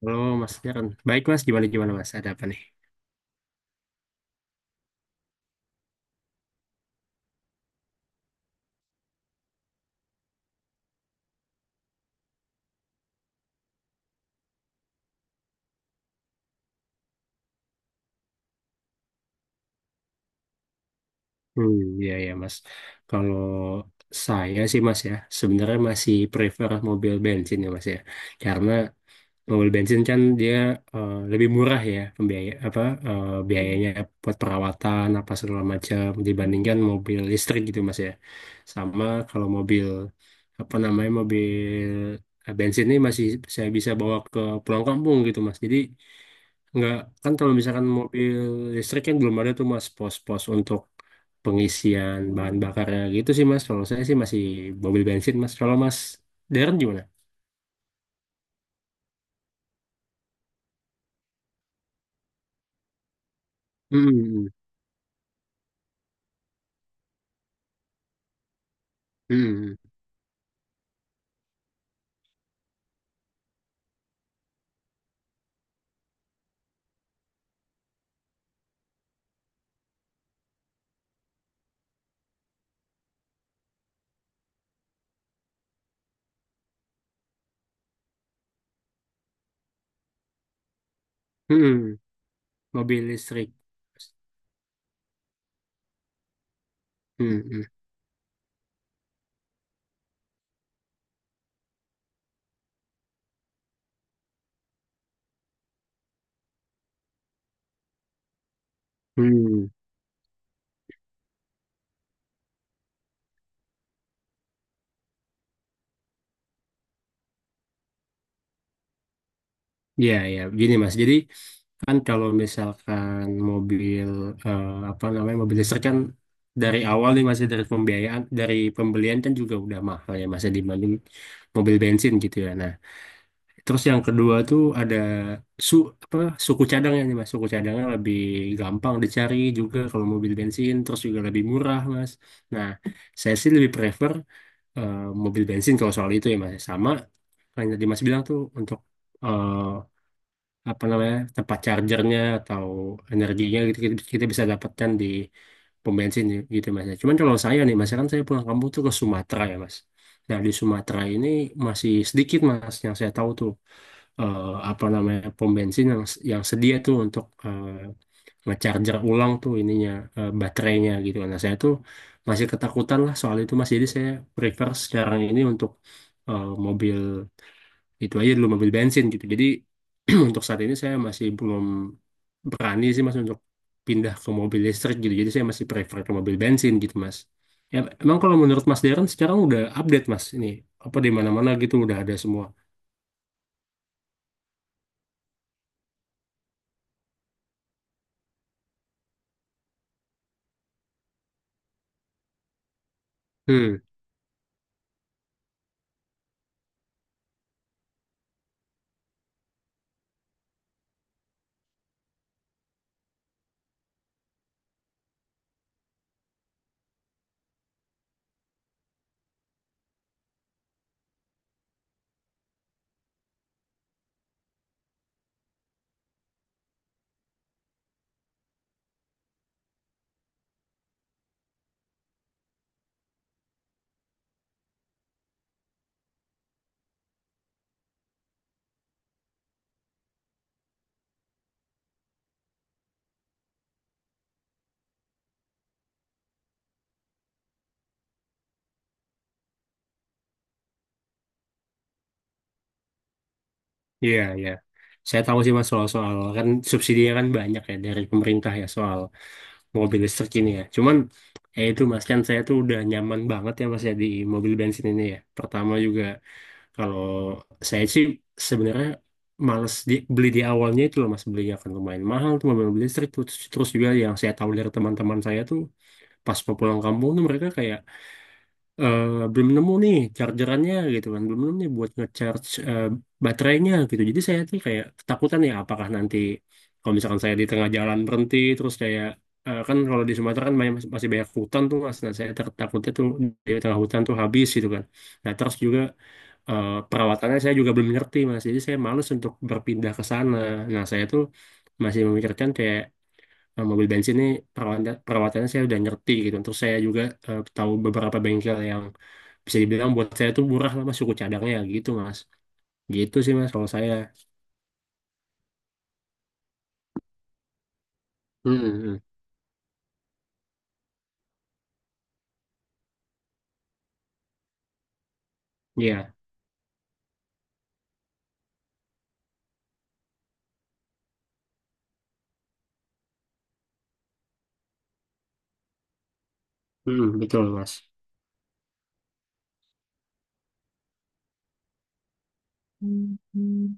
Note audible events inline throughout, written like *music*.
Halo Mas Darren. Baik Mas, gimana gimana Mas? Ada apa nih? Hmm, ya ya Mas. Kalau saya sih Mas ya, sebenarnya masih prefer mobil bensin ya Mas ya. Karena mobil bensin kan dia lebih murah ya pembiaya apa biayanya buat perawatan apa segala macam dibandingkan mobil listrik gitu mas ya. Sama kalau mobil apa namanya mobil bensin ini masih saya bisa bawa ke pulang kampung gitu mas, jadi nggak. Kan kalau misalkan mobil listrik kan belum ada tuh mas pos-pos untuk pengisian bahan bakarnya, gitu sih mas. Kalau saya sih masih mobil bensin mas. Kalau mas Darren gimana? Hmm, hmm, hmm. Mobil listrik. Hmm, hmm, hmm. Ya, ya, gini Mas. Jadi kan kalau misalkan mobil apa namanya mobil listrik kan dari awal nih masih dari pembiayaan dari pembelian kan juga udah mahal ya masih dibanding mobil bensin gitu ya. Nah, terus yang kedua tuh ada su apa suku cadangnya nih Mas. Suku cadangnya lebih gampang dicari juga kalau mobil bensin, terus juga lebih murah Mas. Nah, saya sih lebih prefer eh, mobil bensin kalau soal itu ya mas. Sama kan tadi mas bilang tuh untuk eh, apa namanya tempat chargernya atau energinya gitu kita bisa dapatkan di pom bensin ya, gitu mas ya. Cuman kalau saya nih mas ya, kan saya pulang kampung tuh ke Sumatera ya mas. Nah di Sumatera ini masih sedikit mas yang saya tahu tuh eh, apa namanya pom bensin yang sedia tuh untuk ngecharger ulang tuh ininya, baterainya gitu kan. Nah, saya tuh masih ketakutan lah soal itu Mas. Jadi saya prefer sekarang ini untuk mobil itu aja dulu, mobil bensin gitu. Jadi *clears throat* untuk saat ini saya masih belum berani sih Mas untuk pindah ke mobil listrik gitu. Jadi saya masih prefer ke mobil bensin gitu Mas. Ya, emang kalau menurut Mas Darren sekarang udah update Mas ini apa di mana-mana gitu udah ada semua. Hmm, iya iya. Saya tahu sih Mas soal-soal kan subsidinya kan banyak ya dari pemerintah ya soal mobil listrik ini ya. Cuman ya itu Mas, kan saya tuh udah nyaman banget ya Mas ya di mobil bensin ini ya. Pertama juga kalau saya sih sebenarnya males beli di awalnya itu loh Mas, belinya kan lumayan mahal tuh mobil, mobil listrik tuh. Terus terus juga yang saya tahu dari teman-teman saya tuh pas mau pulang kampung tuh mereka kayak eh, belum nemu nih chargerannya gitu kan, belum nemu nih buat ngecharge baterainya gitu. Jadi saya tuh kayak ketakutan ya apakah nanti kalau misalkan saya di tengah jalan berhenti terus kayak kan kalau di Sumatera kan masih banyak hutan tuh mas. Nah saya takutnya tuh di tengah hutan tuh habis gitu kan. Nah terus juga perawatannya saya juga belum ngerti mas, jadi saya males untuk berpindah ke sana. Nah saya tuh masih memikirkan kayak mobil bensin ini perawatan perawatannya saya udah ngerti gitu. Terus saya juga tahu beberapa bengkel yang bisa dibilang buat saya tuh murah lah mas, suku cadangnya gitu mas. Gitu sih mas kalau saya. Hmm, hmm. Iya. Hmm, betul mas. Mhm.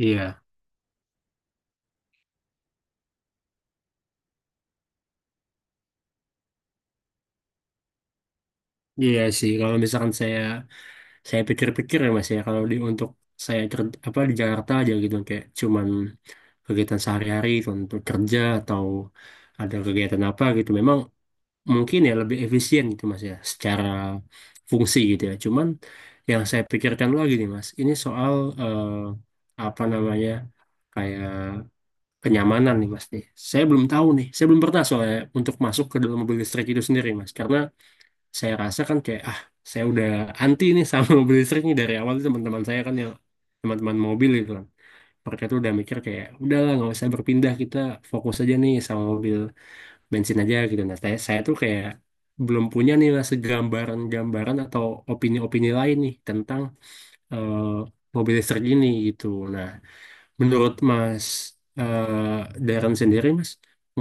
Iya. Iya sih kalau misalkan saya pikir-pikir ya mas ya, kalau di untuk saya apa di Jakarta aja gitu kayak cuman kegiatan sehari-hari untuk kerja atau ada kegiatan apa gitu memang mungkin ya lebih efisien gitu mas ya secara fungsi gitu ya. Cuman yang saya pikirkan lagi nih mas ini soal eh, apa namanya kayak kenyamanan nih mas nih. Saya belum tahu nih, saya belum pernah soalnya untuk masuk ke dalam mobil listrik itu sendiri mas, karena saya rasa kan kayak ah saya udah anti nih sama *laughs* mobil listrik nih dari awal. Teman-teman saya kan yang teman-teman mobil gitu kan, mereka tuh udah mikir kayak udahlah nggak usah berpindah, kita fokus aja nih sama mobil bensin aja gitu. Nah, saya tuh kayak belum punya nih lah segambaran-gambaran atau opini-opini lain nih tentang eh, mobil listrik ini gitu. Nah, menurut Mas eh Darren sendiri, Mas,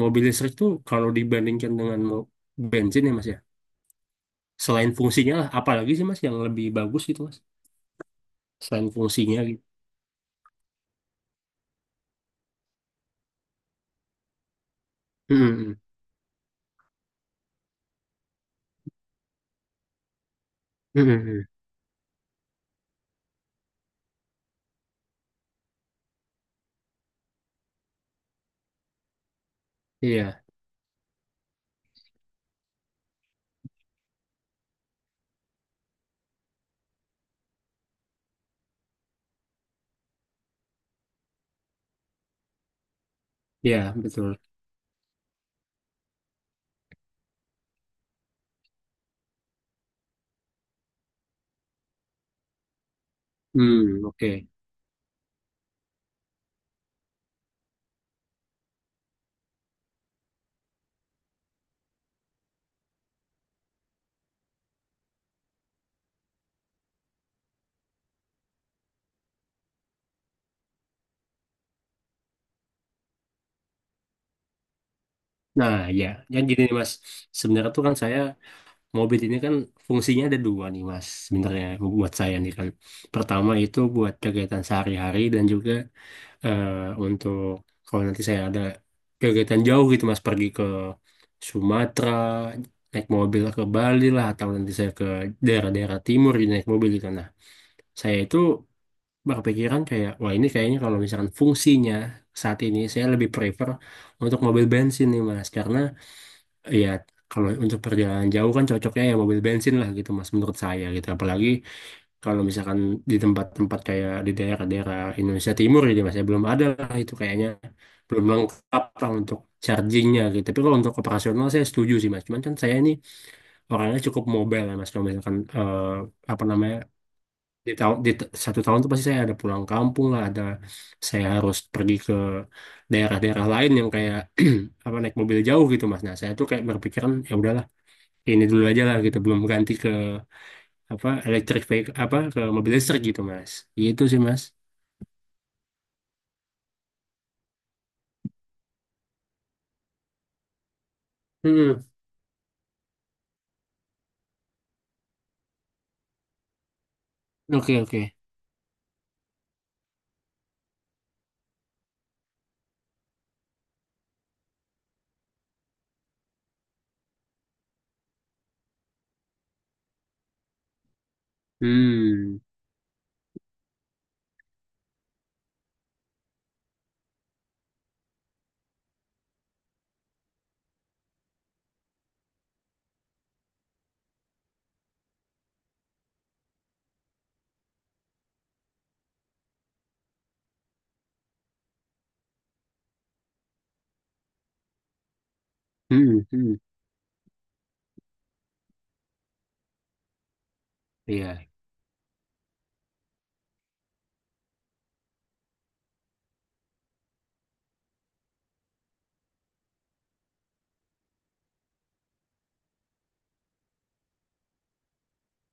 mobil listrik tuh kalau dibandingkan dengan bensin ya, Mas ya, selain fungsinya lah, apalagi sih Mas yang lebih bagus gitu, Mas, selain fungsinya gitu. Hmm, hmm, hmm, hmm. Hmm, hmm. Iya, iya betul. Hmm, oke. Nah, ya, yang gini nih, Mas. Sebenarnya tuh kan saya mobil ini kan fungsinya ada dua nih mas sebenarnya buat saya nih kan. Pertama itu buat kegiatan sehari-hari dan juga eh, untuk kalau nanti saya ada kegiatan jauh gitu mas, pergi ke Sumatera, naik mobil ke Bali lah, atau nanti saya ke daerah-daerah timur gitu, naik mobil gitu. Nah saya itu berpikiran kayak wah ini kayaknya kalau misalkan fungsinya saat ini saya lebih prefer untuk mobil bensin nih mas karena iya, kalau untuk perjalanan jauh kan cocoknya ya mobil bensin lah gitu Mas menurut saya gitu. Apalagi kalau misalkan di tempat-tempat kayak di daerah-daerah Indonesia Timur gitu Mas ya belum ada lah itu kayaknya, belum lengkap lah untuk chargingnya gitu. Tapi kalau untuk operasional saya setuju sih Mas. Cuman kan saya ini orangnya cukup mobile ya Mas. Kalau misalkan apa namanya di satu tahun tuh pasti saya ada pulang kampung lah, ada saya harus pergi ke daerah-daerah lain yang kayak *clears throat* apa naik mobil jauh gitu Mas. Nah, saya tuh kayak berpikiran ya udahlah ini dulu aja lah gitu, belum ganti ke apa elektrik vehicle apa ke mobil listrik gitu mas. Itu sih mas. Hmm, oke oke. Hmm, hmm, hmm. Iya,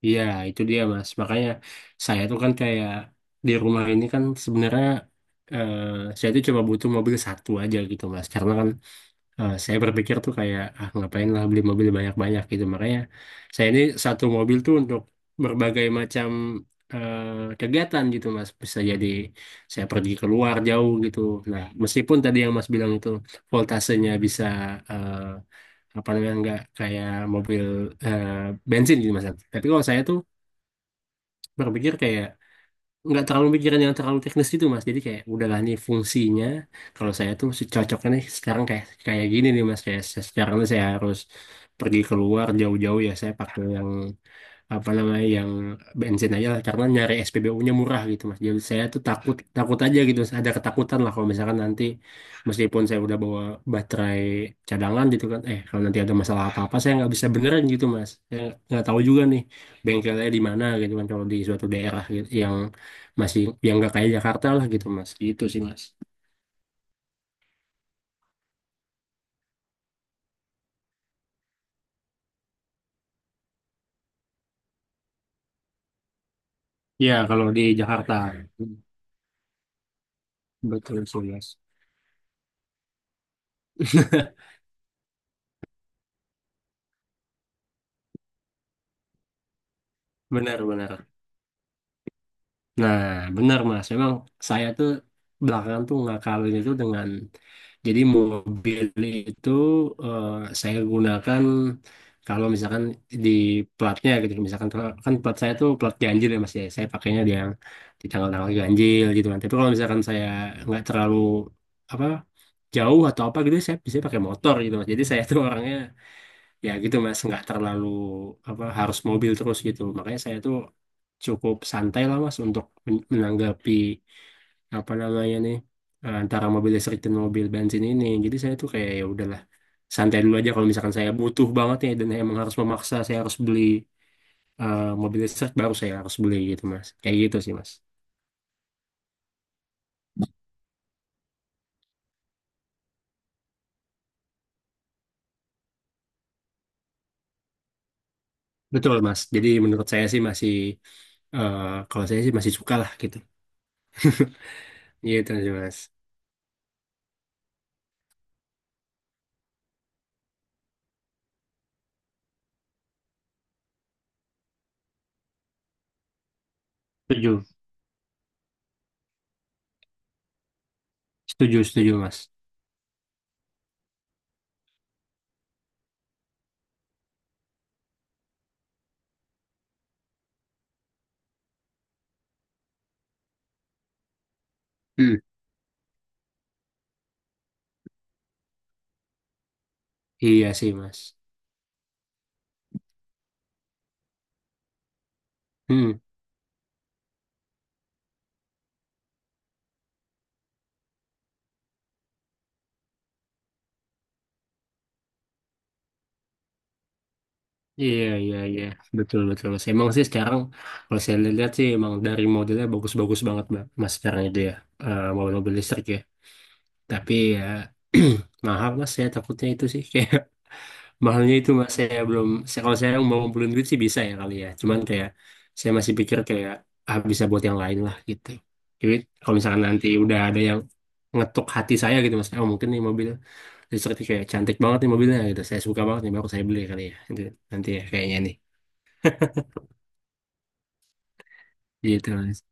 iya itu dia mas, makanya saya tuh kan kayak di rumah ini kan sebenarnya eh, saya tuh cuma butuh mobil satu aja gitu mas, karena kan saya berpikir tuh kayak ah ngapain lah beli mobil banyak-banyak gitu. Makanya saya ini satu mobil tuh untuk berbagai macam eh, kegiatan gitu mas, bisa jadi saya pergi keluar jauh gitu. Nah meskipun tadi yang mas bilang itu voltasenya bisa eh, apa namanya nggak kayak mobil eh, bensin gitu mas, tapi kalau saya tuh berpikir kayak nggak terlalu mikirin yang terlalu teknis gitu mas. Jadi kayak udahlah nih fungsinya, kalau saya tuh cocoknya nih sekarang kayak kayak gini nih mas, kayak sekarang nih saya harus pergi keluar jauh-jauh ya saya pakai yang apa namanya yang bensin aja lah karena nyari SPBU-nya murah gitu mas. Jadi saya tuh takut takut aja gitu, ada ketakutan lah kalau misalkan nanti meskipun saya udah bawa baterai cadangan gitu kan, eh kalau nanti ada masalah apa-apa saya nggak bisa beneran gitu mas. Saya nggak tahu juga nih bengkelnya di mana gitu kan kalau di suatu daerah gitu yang masih yang nggak kayak Jakarta lah gitu mas. Gitu sih mas. Ya kalau di Jakarta betul sih mas. *laughs* Benar-benar. Nah, benar Mas. Memang saya tuh belakangan tuh ngakalin itu dengan jadi mobil itu eh, saya gunakan kalau misalkan di platnya gitu. Misalkan kan plat saya tuh plat ganjil ya Mas ya. Saya pakainya di yang di tanggal-tanggal ganjil gitu kan. Tapi kalau misalkan saya nggak terlalu apa jauh atau apa gitu saya bisa pakai motor gitu Mas. Jadi saya tuh orangnya ya gitu mas, nggak terlalu apa harus mobil terus gitu. Makanya saya tuh cukup santai lah mas untuk menanggapi apa namanya nih antara mobil listrik dan mobil bensin ini. Jadi saya tuh kayak ya udahlah santai dulu aja. Kalau misalkan saya butuh banget ya dan emang harus memaksa saya harus beli mobil listrik, baru saya harus beli gitu mas, kayak gitu sih mas. Betul mas, jadi menurut saya sih masih eh, kalau saya sih masih suka lah gitu. *laughs* Gitu sih mas. Setuju, setuju, setuju mas. Hmm. Iya sih Mas. Hmm. Iya iya iya, betul betul Mas. Emang sih sekarang kalau saya lihat sih emang dari modelnya bagus-bagus banget Mbak, Mas sekarang itu ya, mobil-mobil listrik ya. Tapi ya *clears throat* mahal Mas. Saya takutnya itu sih, *laughs* kayak mahalnya itu Mas. Saya belum. Saya, kalau saya mau ngumpulin duit sih bisa ya kali ya. Cuman kayak saya masih pikir kayak ah bisa buat yang lain lah gitu. Jadi kalau misalkan nanti udah ada yang ngetuk hati saya gitu Mas. Oh mungkin nih mobil terus kayak cantik banget nih mobilnya gitu. Saya suka banget nih, baru saya beli kali ya. Itu nanti ya kayaknya nih. Gitu. Mas.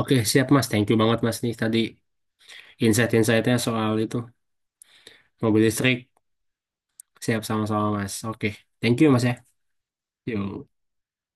Oke, siap Mas. Thank you banget Mas nih tadi insight-insightnya soal itu mobil listrik. Siap sama-sama Mas. Oke. Thank you Mas ya. Yuk.